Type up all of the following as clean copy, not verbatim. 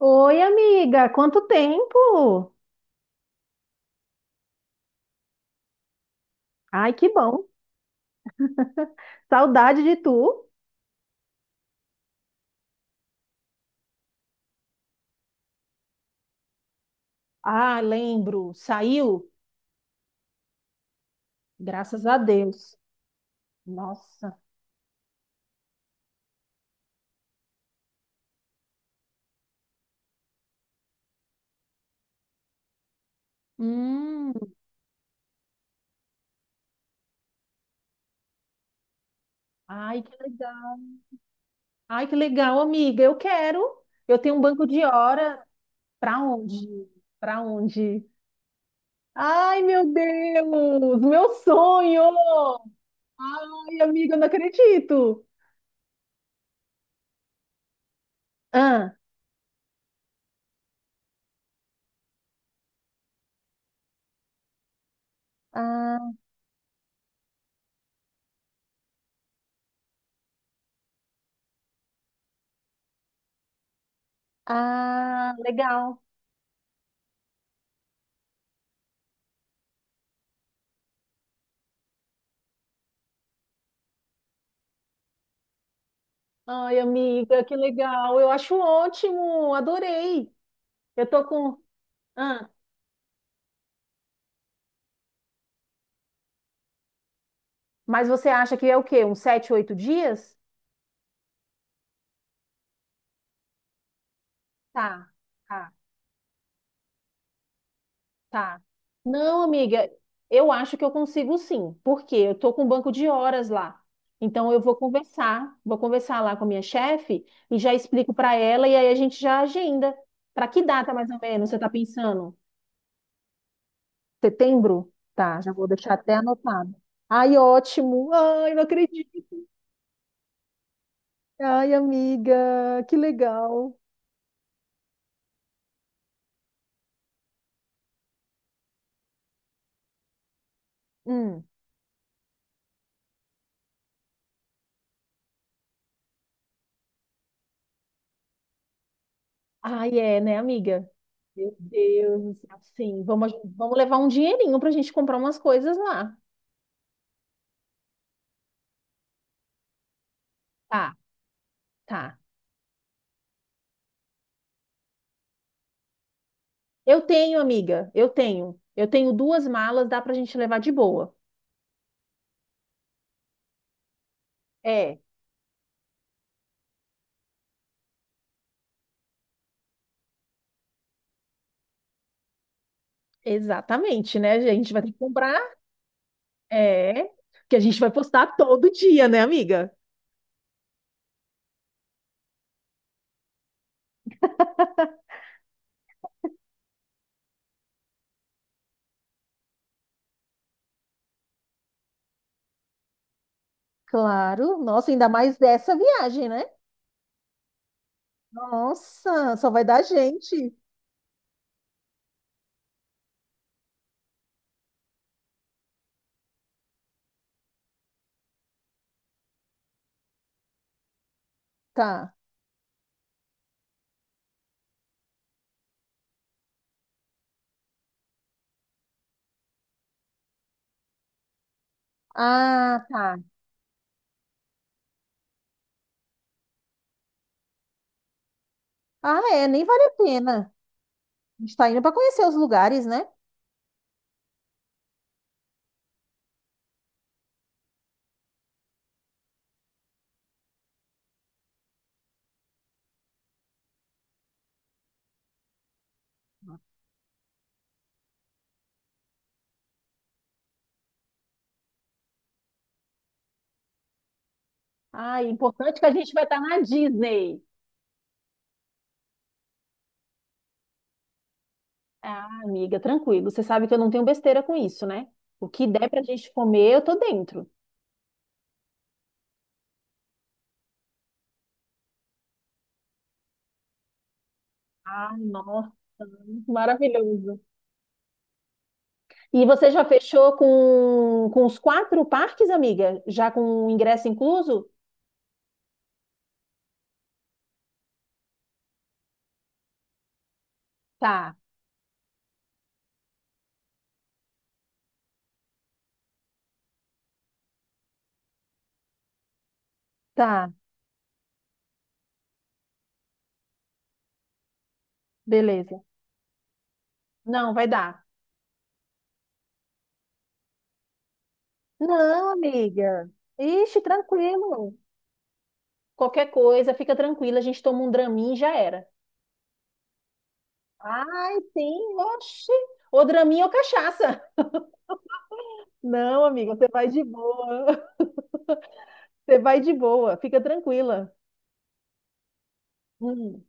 Oi, amiga, quanto tempo? Ai, que bom. Saudade de tu. Ah, lembro. Saiu? Graças a Deus. Nossa. Hum. Ai, que legal. Ai, que legal, amiga. Eu quero. Eu tenho um banco de hora. Pra onde? Pra onde? Ai, meu Deus, meu sonho. Ai, amiga, eu não acredito. Ah, ah, ah, legal. Ai, amiga, que legal. Eu acho ótimo, adorei. Eu tô com. Ah, mas você acha que é o quê? Uns sete, oito dias? Tá, tá, tá. Não, amiga, eu acho que eu consigo sim, porque eu tô com um banco de horas lá. Então eu vou conversar, lá com a minha chefe e já explico pra ela e aí a gente já agenda. Pra que data mais ou menos você tá pensando? Setembro? Tá, já vou deixar até anotado. Ai, ótimo. Ai, não acredito. Ai, amiga, que legal. Hum. Ai, é, né, amiga? Meu Deus do céu. Sim, vamos, vamos levar um dinheirinho pra gente comprar umas coisas lá. Tá, tá. Eu tenho, amiga, eu tenho. Eu tenho duas malas, dá pra gente levar de boa. É, exatamente, né? A gente vai ter que comprar, é, que a gente vai postar todo dia, né, amiga? Claro. Nossa, ainda mais dessa viagem, né? Nossa, só vai dar gente. Tá. Ah, tá. Ah, é, nem vale a pena. A gente tá indo para conhecer os lugares, né? Ah, é importante que a gente vai estar na Disney. Ah, amiga, tranquilo. Você sabe que eu não tenho besteira com isso, né? O que der pra gente comer, eu tô dentro. Ah, nossa, maravilhoso. E você já fechou com os quatro parques, amiga? Já com o ingresso incluso? Tá, tá, beleza. Não, vai dar. Não, amiga. Ixi, tranquilo. Qualquer coisa, fica tranquila, a gente toma um Dramin e já era. Ai, sim, oxi. Ou draminha ou cachaça. Não, amiga, você vai de boa. Você vai de boa, fica tranquila. Hum,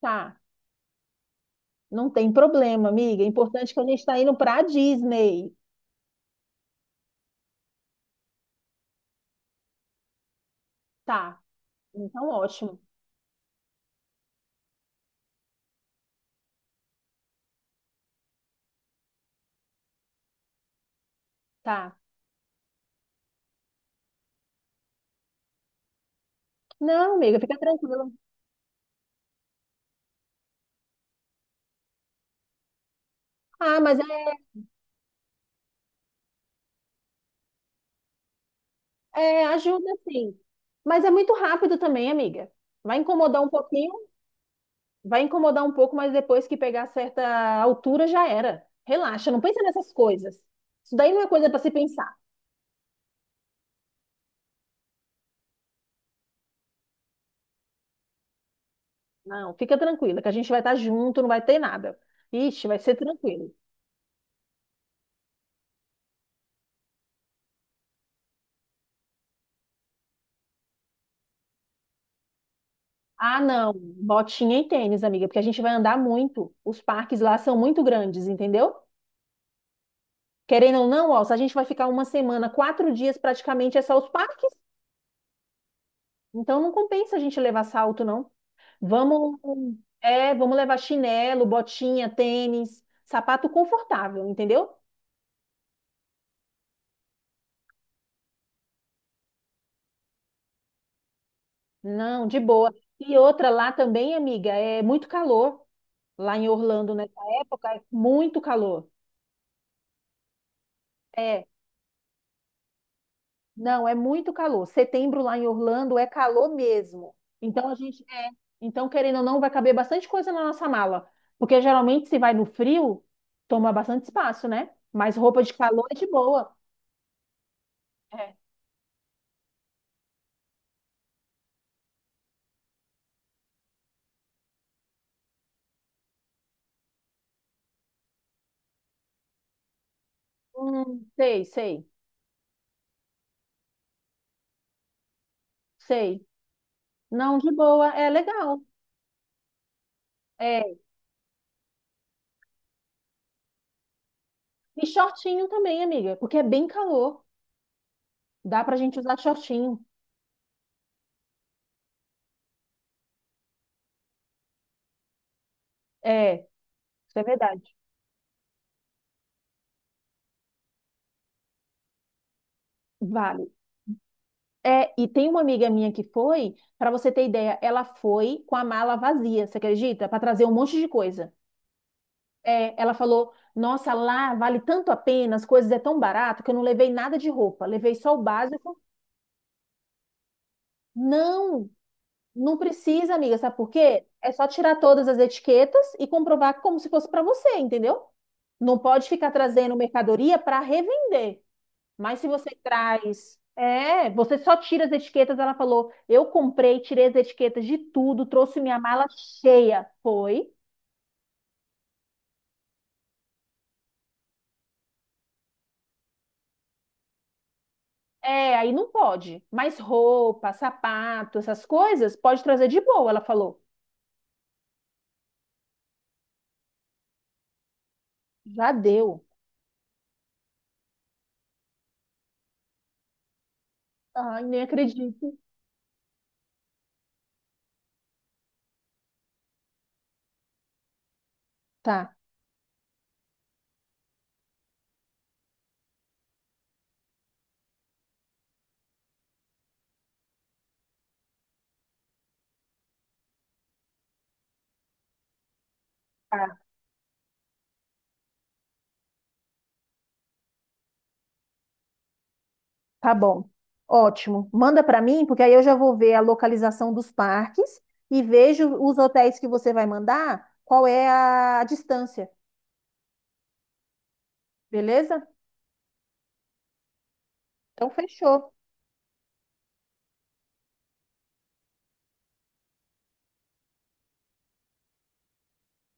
tá, não tem problema, amiga. É importante que a gente tá indo pra Disney. Tá, então ótimo. Tá. Não, amiga, fica tranquila. Ah, mas é, é, ajuda sim. Mas é muito rápido também, amiga. Vai incomodar um pouquinho, vai incomodar um pouco, mas depois que pegar certa altura já era. Relaxa, não pensa nessas coisas. Isso daí não é coisa para se pensar. Não, fica tranquila, que a gente vai estar junto, não vai ter nada. Ixi, vai ser tranquilo. Ah, não, botinha e tênis, amiga, porque a gente vai andar muito. Os parques lá são muito grandes, entendeu? Querendo ou não, ó, se a gente vai ficar uma semana, quatro dias praticamente é só os parques. Então não compensa a gente levar salto, não. Vamos, é, vamos levar chinelo, botinha, tênis, sapato confortável, entendeu? Não, de boa. E outra lá também, amiga, é muito calor. Lá em Orlando, nessa época, é muito calor. É, não, é muito calor. Setembro lá em Orlando é calor mesmo. Então a gente, é, então querendo ou não, vai caber bastante coisa na nossa mala, porque geralmente se vai no frio, toma bastante espaço, né? Mas roupa de calor é de boa. É. Sei, sei, sei. Não, de boa, é legal. É. E shortinho também, amiga, porque é bem calor. Dá pra gente usar shortinho. É, isso é verdade. Vale. É, e tem uma amiga minha que foi, para você ter ideia, ela foi com a mala vazia, você acredita? Para trazer um monte de coisa. É, ela falou: Nossa, lá vale tanto a pena, as coisas é tão barato que eu não levei nada de roupa, levei só o básico. Não, não precisa, amiga, sabe por quê? É só tirar todas as etiquetas e comprovar como se fosse para você, entendeu? Não pode ficar trazendo mercadoria para revender. Mas se você traz. É, você só tira as etiquetas. Ela falou: eu comprei, tirei as etiquetas de tudo, trouxe minha mala cheia. Foi. É, aí não pode. Mas roupa, sapato, essas coisas, pode trazer de boa, ela falou. Já deu. Ai, nem acredito. Tá, tá, tá bom. Ótimo. Manda pra mim, porque aí eu já vou ver a localização dos parques e vejo os hotéis que você vai mandar, qual é a distância, beleza? Então fechou.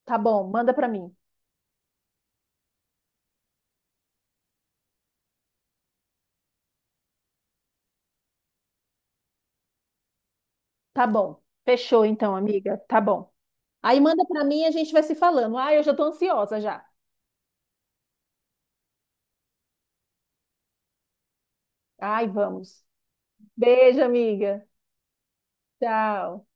Tá bom, manda pra mim. Tá bom. Fechou então, amiga. Tá bom. Aí manda pra mim e a gente vai se falando. Ai, eu já tô ansiosa já. Ai, vamos. Beijo, amiga. Tchau.